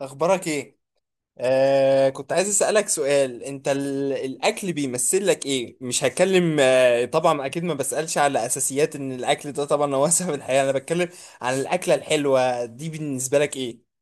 اخبارك ايه؟ كنت عايز اسالك سؤال. انت الاكل بيمثل لك ايه؟ مش هتكلم، طبعا، اكيد ما بسالش على اساسيات ان الاكل ده طبعا هو اساسي في الحياه. انا بتكلم عن الاكله الحلوه دي، بالنسبه لك ايه؟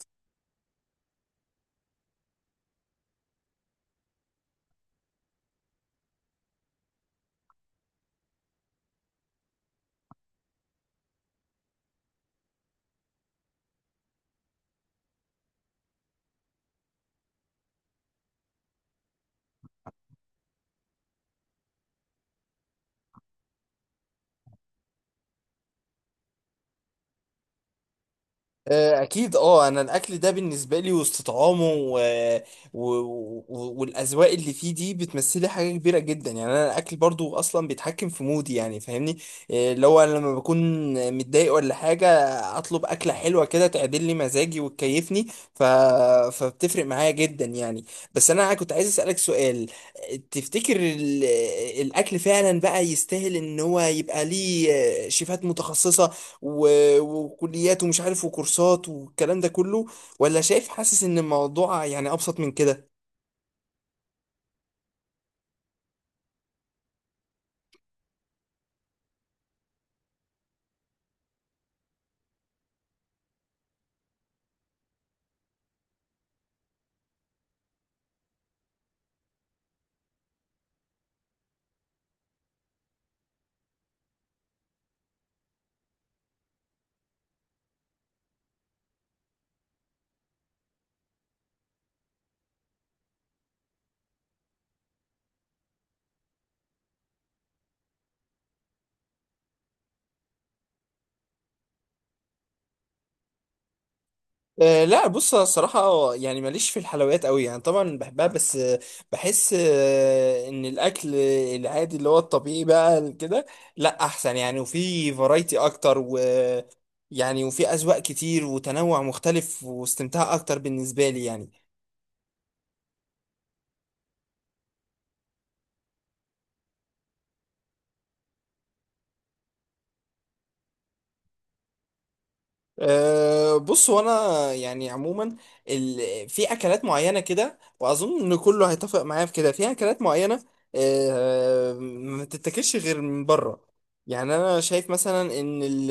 اكيد. اه انا الاكل ده بالنسبه لي وسط طعامه و... و... والاذواق اللي فيه دي بتمثلي حاجه كبيره جدا، يعني انا الاكل برضو اصلا بيتحكم في مودي، يعني فاهمني؟ اللي هو أنا لما بكون متضايق ولا حاجه، اطلب اكله حلوه كده تعدل لي مزاجي وتكيفني. ف... فبتفرق معايا جدا يعني. بس انا كنت عايز اسالك سؤال، تفتكر الاكل فعلا بقى يستاهل ان هو يبقى ليه شيفات متخصصه وكليات ومش عارف وكورسات والكلام ده كله؟ ولا شايف، حاسس ان الموضوع يعني ابسط من كده؟ لا، بص أنا الصراحة يعني ماليش في الحلويات قوي، يعني طبعا بحبها، بس بحس ان الاكل العادي اللي هو الطبيعي بقى كده لا احسن، يعني وفي فرايتي اكتر يعني، وفي اذواق كتير وتنوع مختلف واستمتاع اكتر بالنسبة لي يعني. بص، هو انا يعني عموما في اكلات معينه كده، واظن ان كله هيتفق معايا في كده. في اكلات معينه ما تتاكلش غير من بره، يعني انا شايف مثلا ان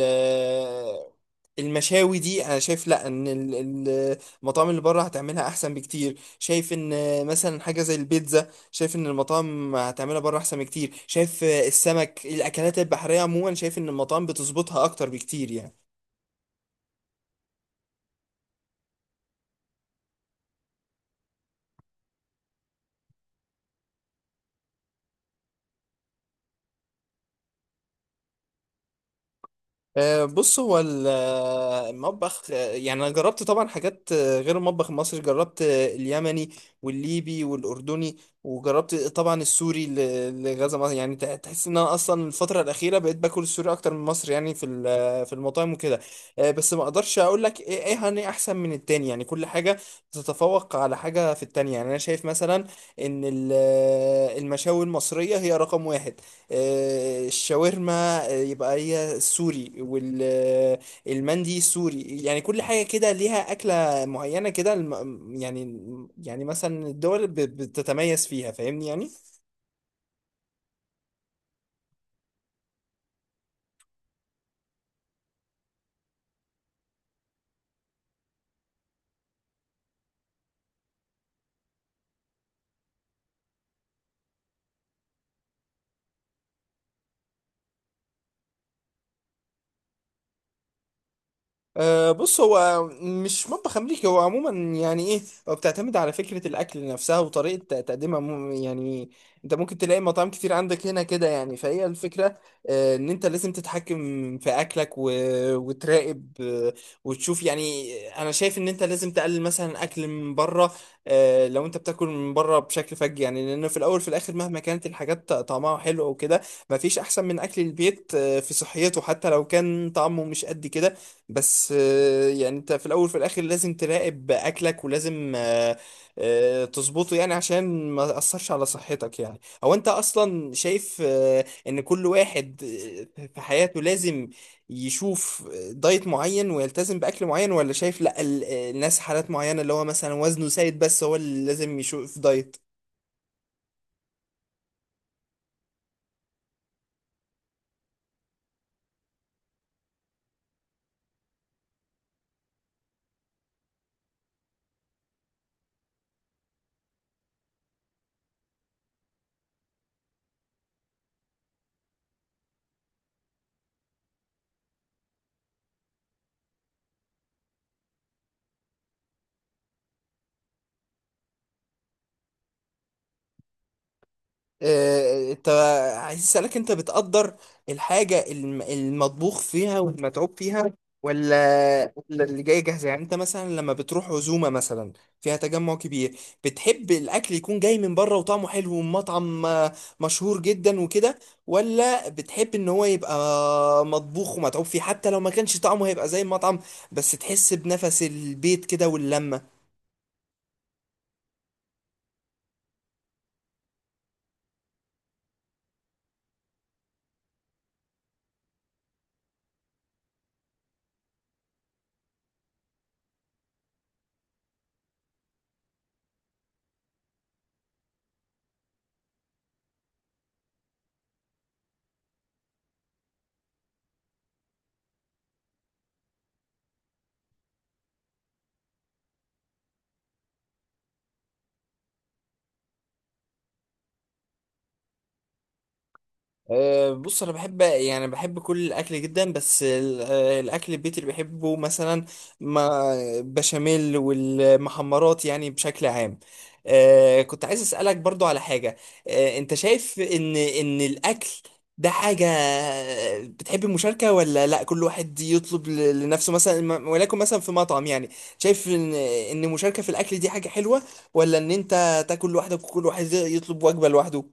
المشاوي دي، انا شايف لا، ان المطاعم اللي بره هتعملها احسن بكتير. شايف ان مثلا حاجه زي البيتزا، شايف ان المطاعم هتعملها بره احسن بكتير. شايف السمك، الاكلات البحريه عموما، شايف ان المطاعم بتظبطها اكتر بكتير يعني. بص، هو المطبخ يعني انا جربت طبعا حاجات غير المطبخ المصري. جربت اليمني والليبي والاردني، وجربت طبعا السوري. لغزه مصر، يعني تحس ان انا اصلا الفتره الاخيره بقيت باكل السوري اكتر من مصر، يعني في المطاعم وكده. بس ما اقدرش اقول لك ايه هني احسن من التاني، يعني كل حاجه تتفوق على حاجه في التانيه. يعني انا شايف مثلا ان المشاوي المصريه هي رقم واحد. الشاورما يبقى هي سوري، والمندي سوري. يعني كل حاجة كده ليها أكلة معينة كده، يعني، يعني مثلا الدول بتتميز فيها، فاهمني يعني. بص، هو مش مطبخ أمريكي، هو عموما يعني إيه، هو بتعتمد على فكرة الأكل نفسها وطريقة تقديمها يعني أنت ممكن تلاقي مطاعم كتير عندك هنا كده، يعني فهي الفكرة إن أنت لازم تتحكم في أكلك وتراقب وتشوف يعني. أنا شايف إن أنت لازم تقلل مثلا أكل من بره، لو أنت بتاكل من بره بشكل فج، يعني لأن في الأول في الآخر مهما كانت الحاجات طعمها حلو أو كده، مفيش أحسن من أكل البيت، في صحيته حتى لو كان طعمه مش قد كده. بس يعني انت في الاول وفي الاخر لازم تراقب اكلك ولازم تظبطه، يعني عشان ما تاثرش على صحتك. يعني هو انت اصلا شايف ان كل واحد في حياته لازم يشوف دايت معين ويلتزم باكل معين، ولا شايف لا الناس حالات معينة، اللي هو مثلا وزنه زايد، بس هو اللي لازم يشوف دايت؟ انت عايز اسالك، انت بتقدر الحاجه المطبوخ فيها والمتعوب فيها ولا اللي جاي جاهزه؟ يعني انت مثلا لما بتروح عزومه مثلا فيها تجمع كبير، بتحب الاكل يكون جاي من بره وطعمه حلو ومطعم مشهور جدا وكده، ولا بتحب ان هو يبقى مطبوخ ومتعوب فيه حتى لو ما كانش طعمه هيبقى زي المطعم، بس تحس بنفس البيت كده واللمه؟ بص، انا بحب، يعني بحب كل الاكل جدا. بس ال- أه، الاكل البيت اللي بحبه مثلا ما بشاميل والمحمرات، يعني بشكل عام. كنت عايز اسالك برضو على حاجه. انت شايف ان الاكل ده حاجه، بتحب المشاركه؟ ولا لا كل واحد يطلب لنفسه مثلا ولكن مثلا في مطعم يعني، شايف ان المشاركه في الاكل دي حاجه حلوه، ولا ان انت تاكل لوحدك وكل واحد يطلب وجبه لوحده؟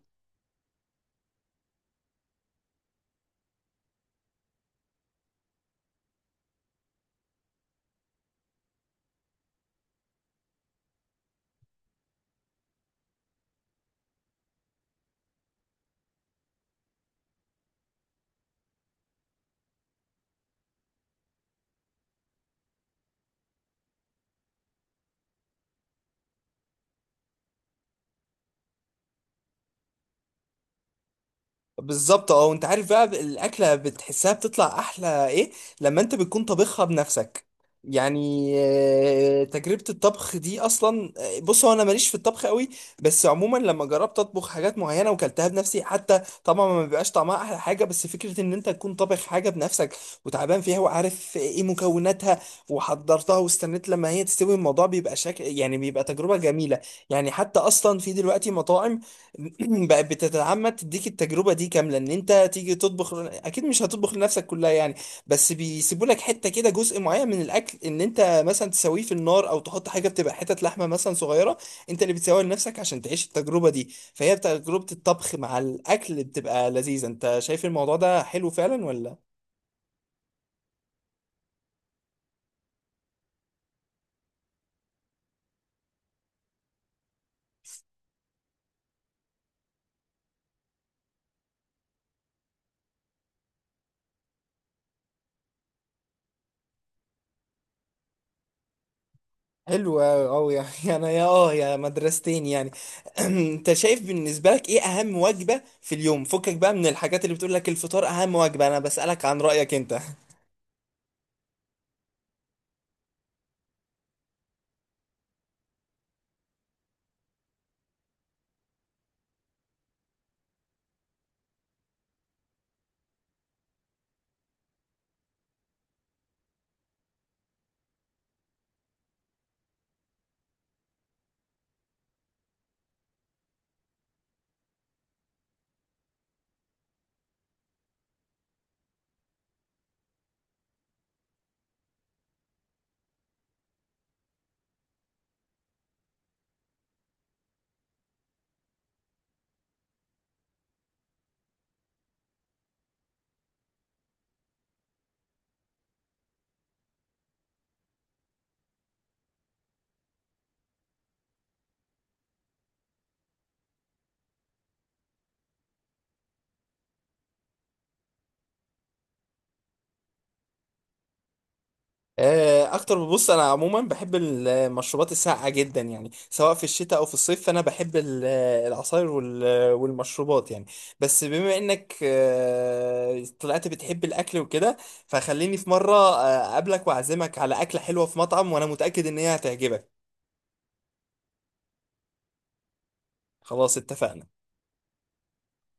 بالظبط، اه. وانت عارف بقى الاكله بتحسها بتطلع احلى ايه؟ لما انت بتكون طبخها بنفسك، يعني تجربه الطبخ دي اصلا. بص، هو انا ماليش في الطبخ قوي، بس عموما لما جربت اطبخ حاجات معينه وكلتها بنفسي، حتى طبعا ما بيبقاش طعمها احلى حاجه، بس فكره ان انت تكون طابخ حاجه بنفسك، وتعبان فيها وعارف ايه مكوناتها وحضرتها واستنيت لما هي تستوي، الموضوع بيبقى شكل، يعني بيبقى تجربه جميله. يعني حتى اصلا في دلوقتي مطاعم بقت بتتعمد تديك التجربه دي كامله، ان انت تيجي تطبخ. اكيد مش هتطبخ لنفسك كلها يعني، بس بيسيبوا لك حته كده، جزء معين من الاكل ان انت مثلا تسويه في النار، او تحط حاجه بتبقى حتت لحمه مثلا صغيره انت اللي بتسويها لنفسك عشان تعيش التجربه دي، فهي تجربه الطبخ مع الاكل بتبقى لذيذه. انت شايف الموضوع ده حلو فعلا ولا؟ حلو أوي أوي يعني أنا يا يا مدرستين يعني. أنت شايف بالنسبة لك إيه أهم وجبة في اليوم؟ فكك بقى من الحاجات اللي بتقول لك الفطار أهم وجبة، أنا بسألك عن رأيك أنت. أكتر، ببص أنا عموما بحب المشروبات الساقعة جدا، يعني سواء في الشتاء أو في الصيف. فأنا بحب العصاير والمشروبات يعني. بس بما إنك طلعت بتحب الأكل وكده، فخليني في مرة أقابلك وأعزمك على أكلة حلوة في مطعم، وأنا متأكد إن هي هتعجبك. خلاص، اتفقنا.